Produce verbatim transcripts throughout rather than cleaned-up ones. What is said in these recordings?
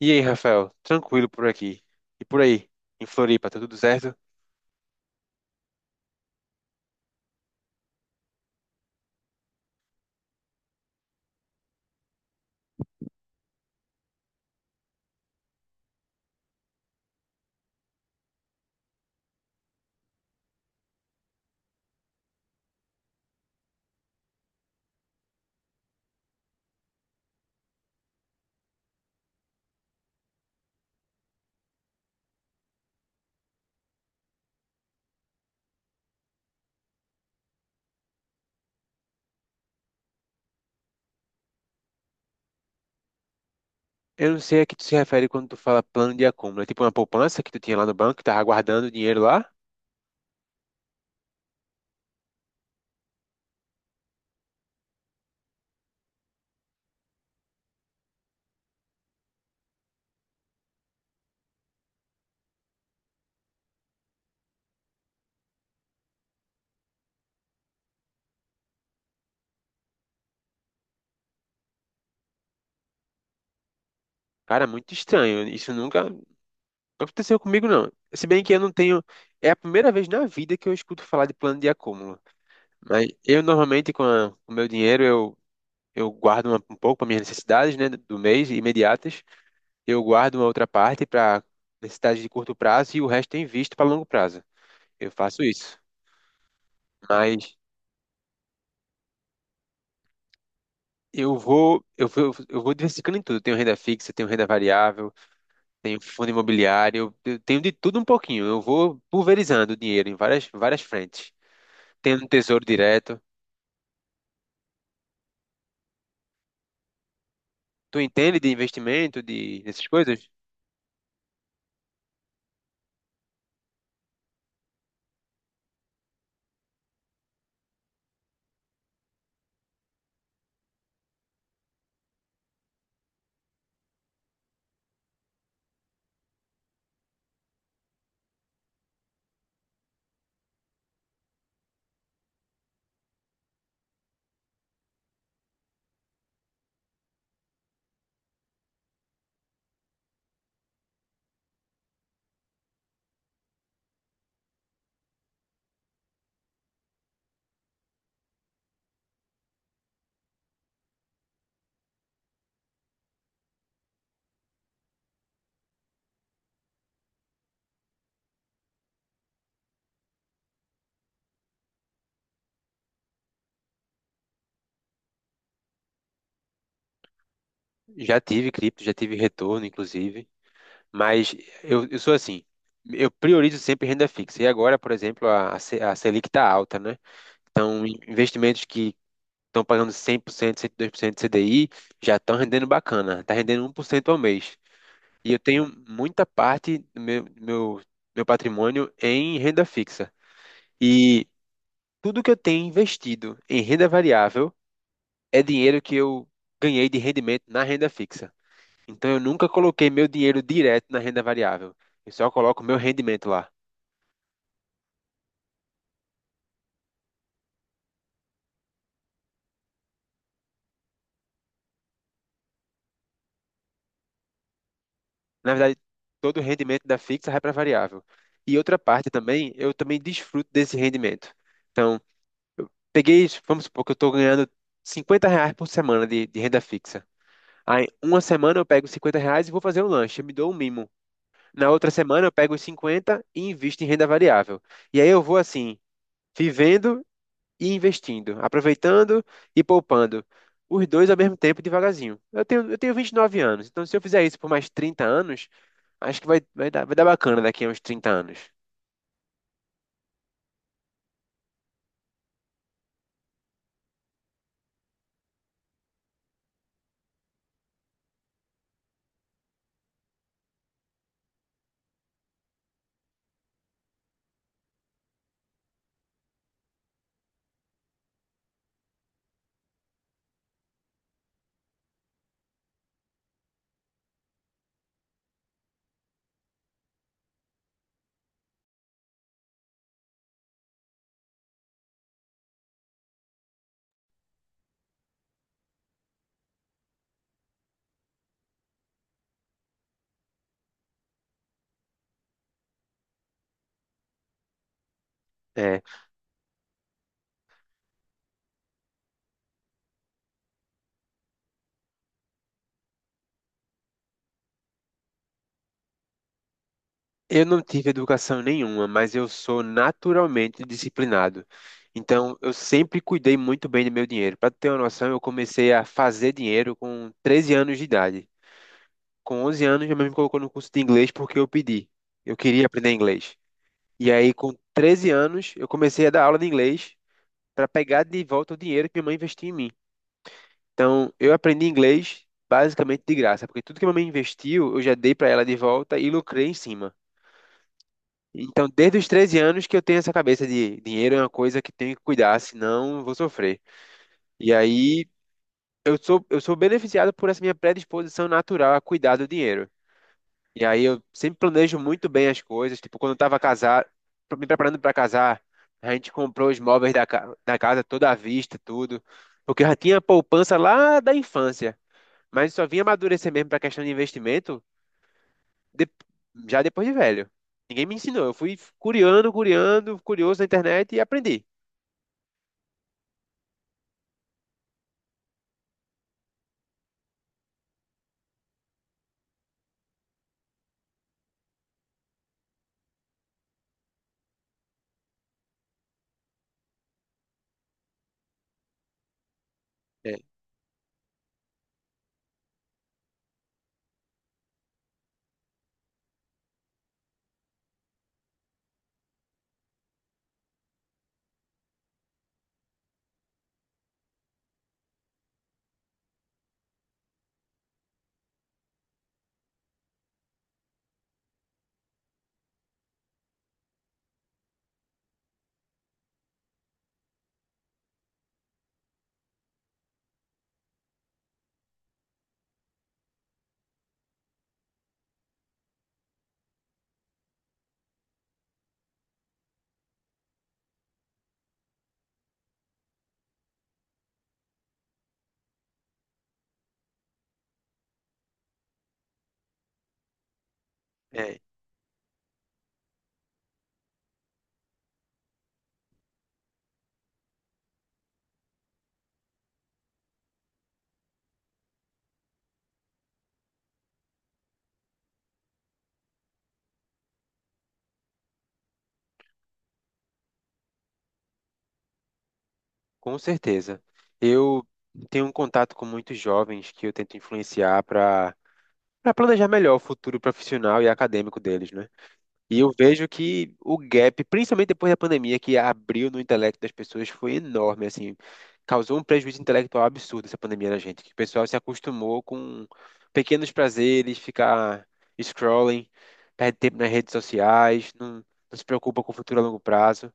E aí, Rafael, tranquilo por aqui. E por aí, em Floripa, tá tudo certo? Eu não sei a que tu se refere quando tu fala plano de acúmulo. É tipo uma poupança que tu tinha lá no banco, que tava guardando dinheiro lá? Cara, é muito estranho. Isso nunca nunca aconteceu comigo, não. Se bem que eu não tenho. É a primeira vez na vida que eu escuto falar de plano de acúmulo. Mas eu normalmente, com a- o meu dinheiro, eu, eu guardo uma- um pouco para minhas necessidades, né, do mês, imediatas. Eu guardo uma outra parte para necessidades de curto prazo e o resto eu invisto para longo prazo. Eu faço isso. Mas eu vou, eu vou, eu vou diversificando em tudo. Eu tenho renda fixa, tenho renda variável, tenho fundo imobiliário, eu tenho de tudo um pouquinho. Eu vou pulverizando o dinheiro em várias, várias frentes. Tenho um tesouro direto. Tu entende de investimento, de dessas coisas? Já tive cripto, já tive retorno, inclusive. Mas eu, eu sou assim. Eu priorizo sempre renda fixa. E agora, por exemplo, a, a Se- a Selic está alta, né? Então, investimentos que estão pagando cem por cento, cento e dois por cento de C D I, já estão rendendo bacana, está rendendo um por cento ao mês. E eu tenho muita parte do meu, do meu, meu patrimônio em renda fixa. E tudo que eu tenho investido em renda variável é dinheiro que eu ganhei de rendimento na renda fixa. Então eu nunca coloquei meu dinheiro direto na renda variável. Eu só coloco meu rendimento lá. Na verdade, todo o rendimento da fixa vai para variável. E outra parte também, eu também desfruto desse rendimento. Então peguei, vamos supor que eu estou ganhando cinquenta reais por semana de, de renda fixa. Aí, uma semana eu pego cinquenta reais e vou fazer um lanche, me dou um mimo. Na outra semana eu pego os cinquenta e invisto em renda variável. E aí eu vou assim, vivendo e investindo, aproveitando e poupando. Os dois ao mesmo tempo, devagarzinho. Eu tenho, eu tenho vinte e nove anos, então se eu fizer isso por mais trinta anos, acho que vai, vai dar, vai dar bacana daqui a uns trinta anos. É. Eu não tive educação nenhuma, mas eu sou naturalmente disciplinado. Então, eu sempre cuidei muito bem do meu dinheiro. Para ter uma noção, eu comecei a fazer dinheiro com treze anos de idade. Com onze anos, minha mãe me colocou no curso de inglês porque eu pedi. Eu queria aprender inglês. E aí, com treze anos, eu comecei a dar aula de inglês para pegar de volta o dinheiro que minha mãe investiu em mim. Então, eu aprendi inglês basicamente de graça, porque tudo que minha mãe investiu, eu já dei para ela de volta e lucrei em cima. Então, desde os treze anos que eu tenho essa cabeça de dinheiro é uma coisa que tenho que cuidar, senão eu vou sofrer. E aí eu sou, eu sou beneficiado por essa minha predisposição natural a cuidar do dinheiro. E aí eu sempre planejo muito bem as coisas. Tipo, quando eu estava casar, me preparando para casar, a gente comprou os móveis da, ca- da casa toda à vista, tudo. Porque eu já tinha poupança lá da infância. Mas só vinha amadurecer mesmo para a questão de investimento de- já depois de velho. Ninguém me ensinou. Eu fui curiando, curiando, curioso na internet e aprendi. É, é, com certeza. Eu tenho um contato com muitos jovens que eu tento influenciar para para planejar melhor o futuro profissional e acadêmico deles, né? E eu vejo que o gap, principalmente depois da pandemia, que abriu no intelecto das pessoas, foi enorme, assim, causou um prejuízo intelectual absurdo essa pandemia na gente, que o pessoal se acostumou com pequenos prazeres, ficar scrolling, perde tempo nas redes sociais, não, não se preocupa com o futuro a longo prazo,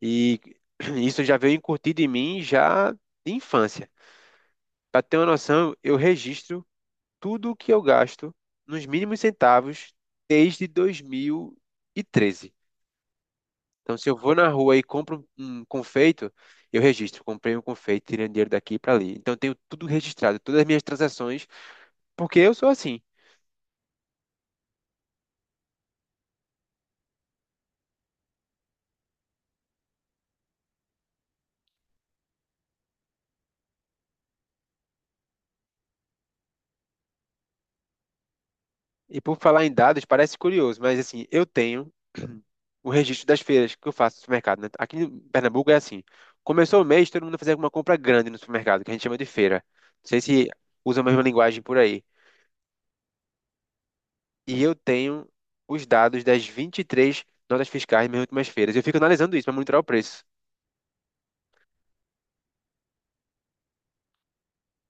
e isso já veio incutido em mim já de infância. Para ter uma noção, eu registro tudo o que eu gasto nos mínimos centavos desde dois mil e treze. Então, se eu vou na rua e compro um um confeito, eu registro. Comprei um confeito, tirei o dinheiro daqui para ali. Então, eu tenho tudo registrado, todas as minhas transações, porque eu sou assim. E por falar em dados, parece curioso, mas assim, eu tenho o registro das feiras que eu faço no supermercado, né? Aqui em Pernambuco é assim. Começou o mês, todo mundo fazia uma compra grande no supermercado, que a gente chama de feira. Não sei se usa a mesma linguagem por aí. E eu tenho os dados das vinte e três notas fiscais das minhas últimas feiras. Eu fico analisando isso para monitorar o preço.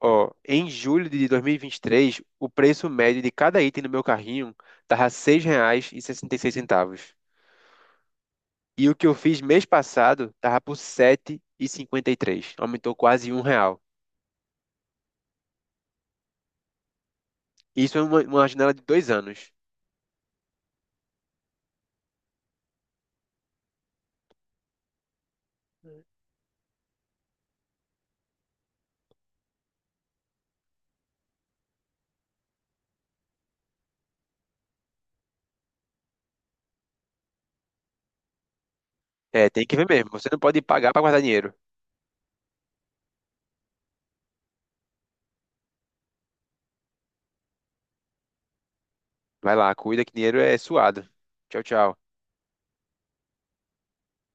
Ó, em julho de dois mil e vinte e três, o preço médio de cada item no meu carrinho tava R$ seis reais e sessenta e E seis centavos. E o que eu fiz mês passado tava por R$ sete e cinquenta e três. Aumentou quase um real. Isso é uma, uma janela de dois anos. É, tem que ver mesmo. Você não pode pagar para guardar dinheiro. Vai lá, cuida que dinheiro é suado. Tchau, tchau.